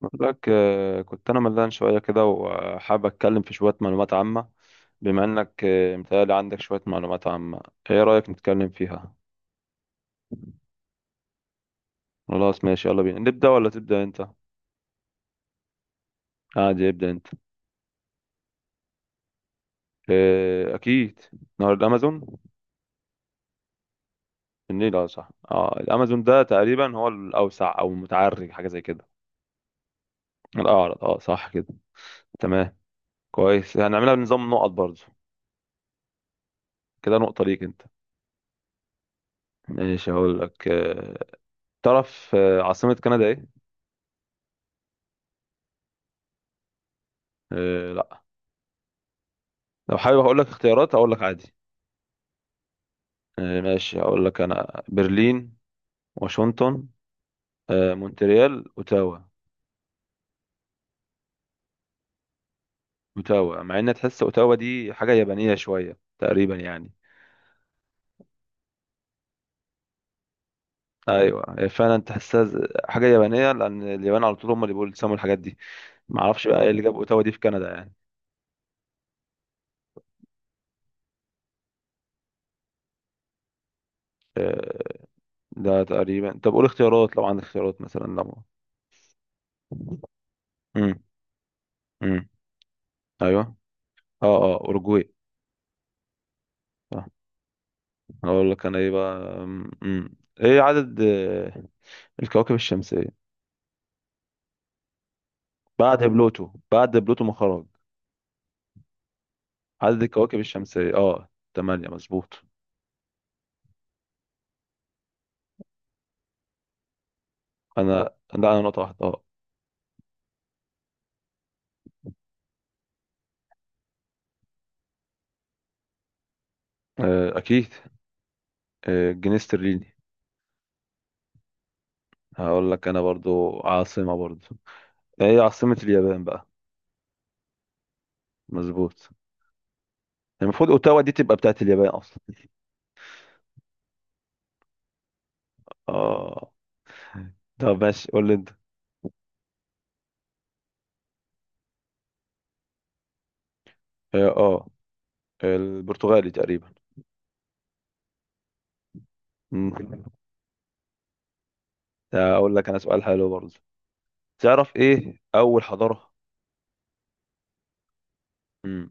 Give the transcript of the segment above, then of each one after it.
بقول لك كنت انا ملان شويه كده، وحابب اتكلم في شويه معلومات عامه. بما انك متهيألي عندك شويه معلومات عامه. ايه رايك نتكلم فيها؟ خلاص ماشي، يلا بينا نبدا ولا تبدا انت؟ عادي، ابدا انت. اكيد. نهر الامازون. النيل، اه صح، اه الامازون ده تقريبا هو الاوسع او المتعرج، حاجه زي كده. الاعرض، اه صح كده. تمام. كويس، هنعملها بنظام نقط برضه. كده نقطه ليك انت. ماشي، هقول لك تعرف عاصمه كندا ايه؟ لا. لو حابب هقول لك اختيارات، اقول لك عادي. ماشي، هقول لك انا برلين، واشنطن، مونتريال، اوتاوا. اوتاوا، مع ان تحس اوتاوا دي حاجه يابانيه شويه تقريبا يعني. ايوه هي فعلا تحسها حاجه يابانيه، لان اليابان على طول هم اللي بيسموا الحاجات دي. ما اعرفش بقى ايه اللي جاب اوتاوا دي في كندا يعني. آه، ده تقريبا، طب قول اختيارات لو عندك اختيارات مثلا لو... امم. امم. ايوه. اه اه اورجواي. صح. هقول لك انا ايه بقى؟ امم. ايه عدد الكواكب الشمسية؟ بعد بلوتو، بعد بلوتو ما خرج. عدد الكواكب الشمسية اه تمانية، مظبوط. انا؟ لا انا نقطة واحدة اه. اكيد. الجنيه استرليني. هقول لك انا برضو، عاصمة برضو. هي عاصمة اليابان بقى؟ مظبوط. المفروض اوتاوا دي تبقى بتاعت اليابان اصلا. اه، طب ماشي قول لي انت. اه، البرتغالي تقريبا. مم. اقول لك انا سؤال حلو برضو. تعرف ايه اول حضارة؟ مم.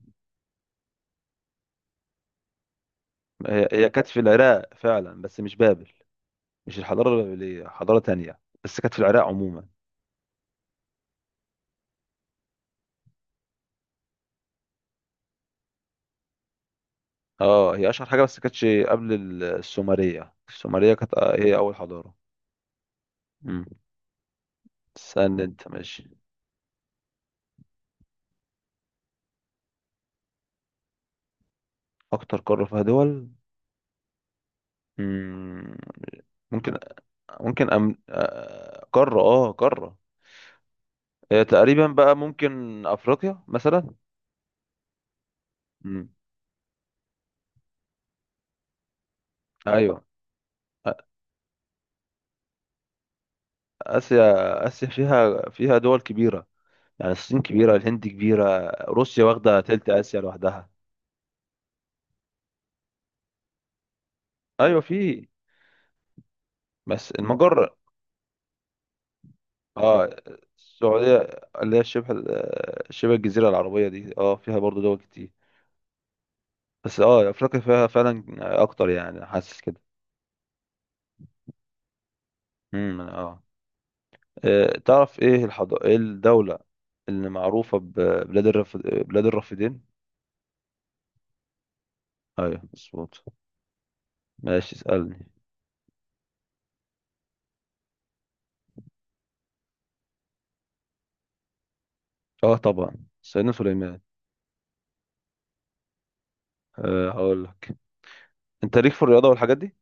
هي كانت في العراق فعلا، بس مش بابل. مش الحضاره البابليه، حضاره تانية. بس كانت في العراق عموما. اه هي اشهر حاجه، بس كانتش قبل السومريه. السومريه كانت هي اول حضاره. امم. استنى انت ماشي. اكتر قاره فيها دول. مم. ممكن. ممكن أم... آه، قاره اه قاره. تقريبا بقى، ممكن افريقيا مثلا. امم. ايوه. آ- اسيا، اسيا فيها دول كبيره. يعني الصين كبيره، الهند كبيره، روسيا واخده تلت اسيا لوحدها. ايوه في. بس المجره. اه السعودية، اللي هي شبه الجزيرة العربية دي، اه فيها برضو دول كتير. بس اه افريقيا فيها فعلا اكتر، يعني حاسس كده. اه. تعرف ايه الحضارة، ايه الدولة اللي معروفة بلاد الرافدين؟ ايوه مظبوط. ماشي اسألني. اه طبعا. سيدنا سليمان. أه هقول لك. انت ليك في الرياضة والحاجات دي؟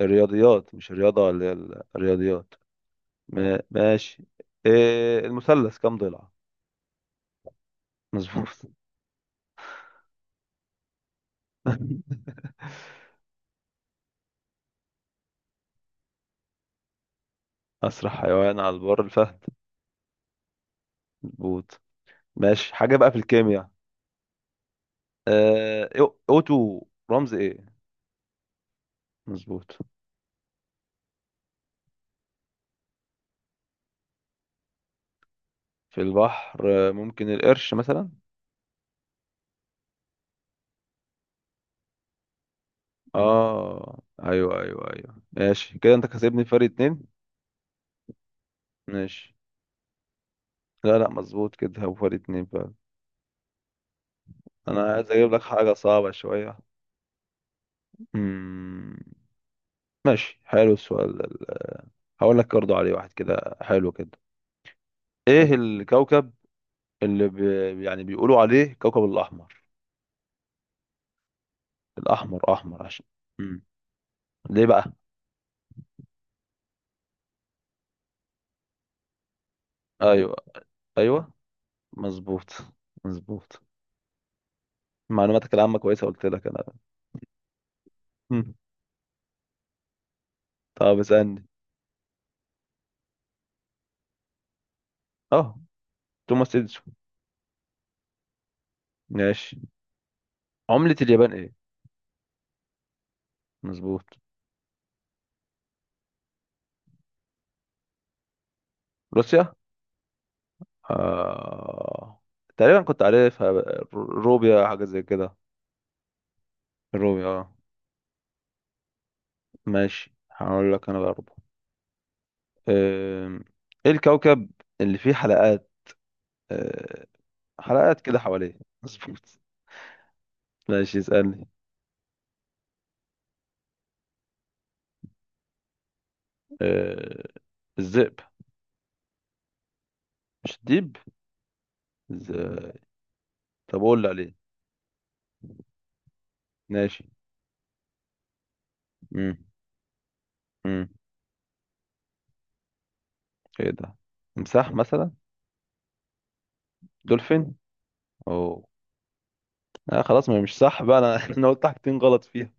الرياضيات مش الرياضة، اللي هي الرياضيات. ماشي. إيه المثلث كام ضلع؟ مظبوط. أسرع حيوان على البر الفهد. مظبوط. ماشي حاجة بقى في الكيمياء. أوتو رمز إيه؟ مظبوط. في البحر ممكن القرش مثلا. آه أيوه أيوه أيوه، ماشي كده، أنت كسبني فرق اتنين. ماشي. لا لا، مظبوط كده، هو فرق اتنين فعلا. أنا عايز أجيب لك حاجة صعبة شوية. مم. ماشي، حلو السؤال ده. هقول لك برضه عليه واحد كده حلو كده. إيه الكوكب اللي يعني بيقولوا عليه كوكب الأحمر؟ الاحمر، احمر عشان... مم. ليه بقى؟ ايوه. ايوه. مظبوط. مظبوط. معلوماتك العامه كويسه، قلت لك انا. مم. طب اسالني. اه توماس اديسون. ماشي. عمله اليابان ايه؟ مظبوط. روسيا. آه... تقريبا كنت عارفها، روبيا حاجه زي كده. الروبيا اه. ماشي هقول لك انا برضه. آم، ايه الكوكب اللي فيه حلقات، آه، حلقات كده حواليه؟ مظبوط. ماشي اسالني. آه، الذئب. مش ديب؟ ازاي؟ طب اقول اللي عليه. ماشي. امم. امم. ايه ده؟ تمساح مثلا. دولفين. اوه. آه خلاص، ما هي مش صح بقى، انا انا قلت حاجتين غلط فيها.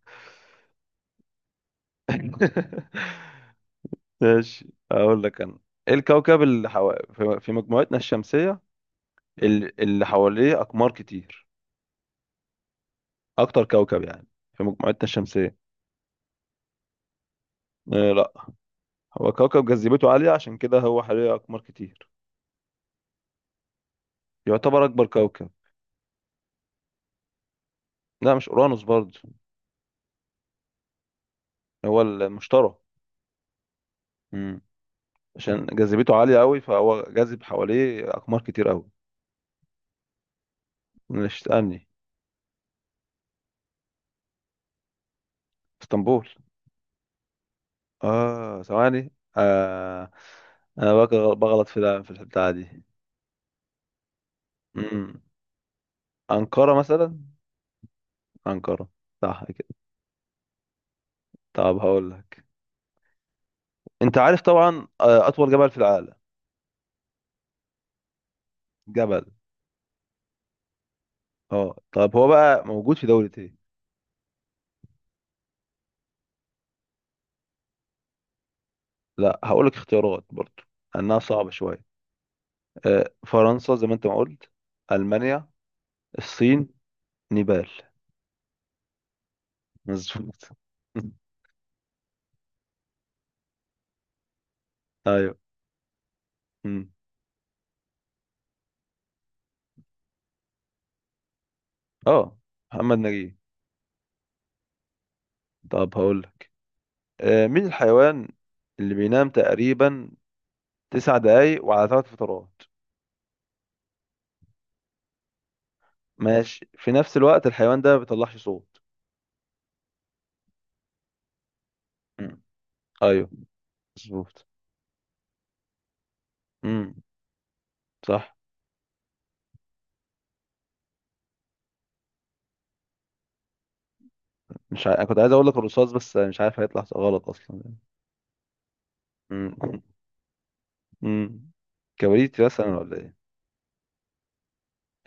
ماشي اقول لك انا. ايه الكوكب في مجموعتنا الشمسية، اللي حواليه اقمار كتير، اكتر كوكب يعني في مجموعتنا الشمسية؟ آه لا. هو كوكب جاذبيته عالية، عشان كده هو حواليه اقمار كتير. يعتبر اكبر كوكب. لا مش اورانوس برضه. هو المشتري. مم. عشان جاذبيته عالية قوي، فهو جاذب حواليه أقمار كتير قوي. مش تسألني؟ اسطنبول. اه ثواني. آه. انا بغلط في ده، في البتاعة دي. امم. أنقرة مثلا. أنقرة، صح كده. طب هقول لك، انت عارف طبعا اطول جبل في العالم؟ جبل. اه طب هو بقى موجود في دولة ايه؟ لا هقول لك اختيارات برضو، انها صعبة شوية. فرنسا زي ما انت ما قلت، المانيا، الصين، نيبال. مظبوط. ايوه. مم. اه محمد نجيب. طب هقول لك، آه مين الحيوان اللي بينام تقريبا تسع دقايق وعلى ثلاث فترات؟ ماشي، في نفس الوقت الحيوان ده ما بيطلعش صوت. مم. ايوه مظبوط. مم. صح. مش ع... انا كنت عايز اقول لك الرصاص، بس مش عارف هيطلع غلط اصلا يعني. مم. مم. كبريت مثلا ولا ايه؟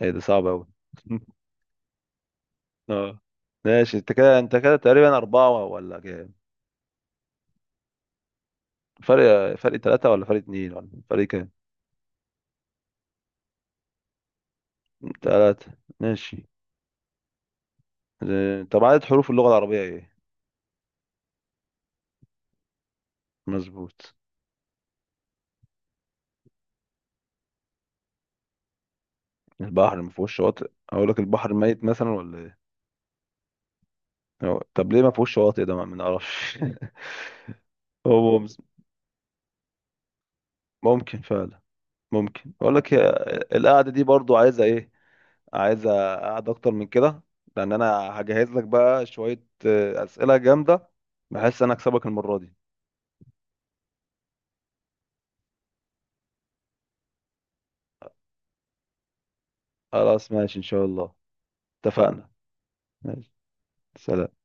ايه ده، صعب اوي. اه. ماشي انت كده، انت كده تقريبا أربعة ولا كام؟ فرق ثلاثة، ولا فرق اتنين، ولا فرق كام؟ ثلاثة. ماشي. طب عدد حروف اللغة العربية ايه؟ مظبوط. البحر ما فيهوش شواطئ؟ اقول لك البحر ميت مثلا، ولا ايه؟ طب ليه ما فيهوش شواطئ ده، ما نعرفش. هو مز- ممكن فعلا. ممكن اقول لك، هي القعدة دي برضو عايزة ايه؟ عايزة قعدة اكتر من كده، لان انا هجهز لك بقى شوية اسئلة جامدة، بحيث انا اكسبك المرة دي. خلاص ماشي ان شاء الله. اتفقنا. ماشي. سلام.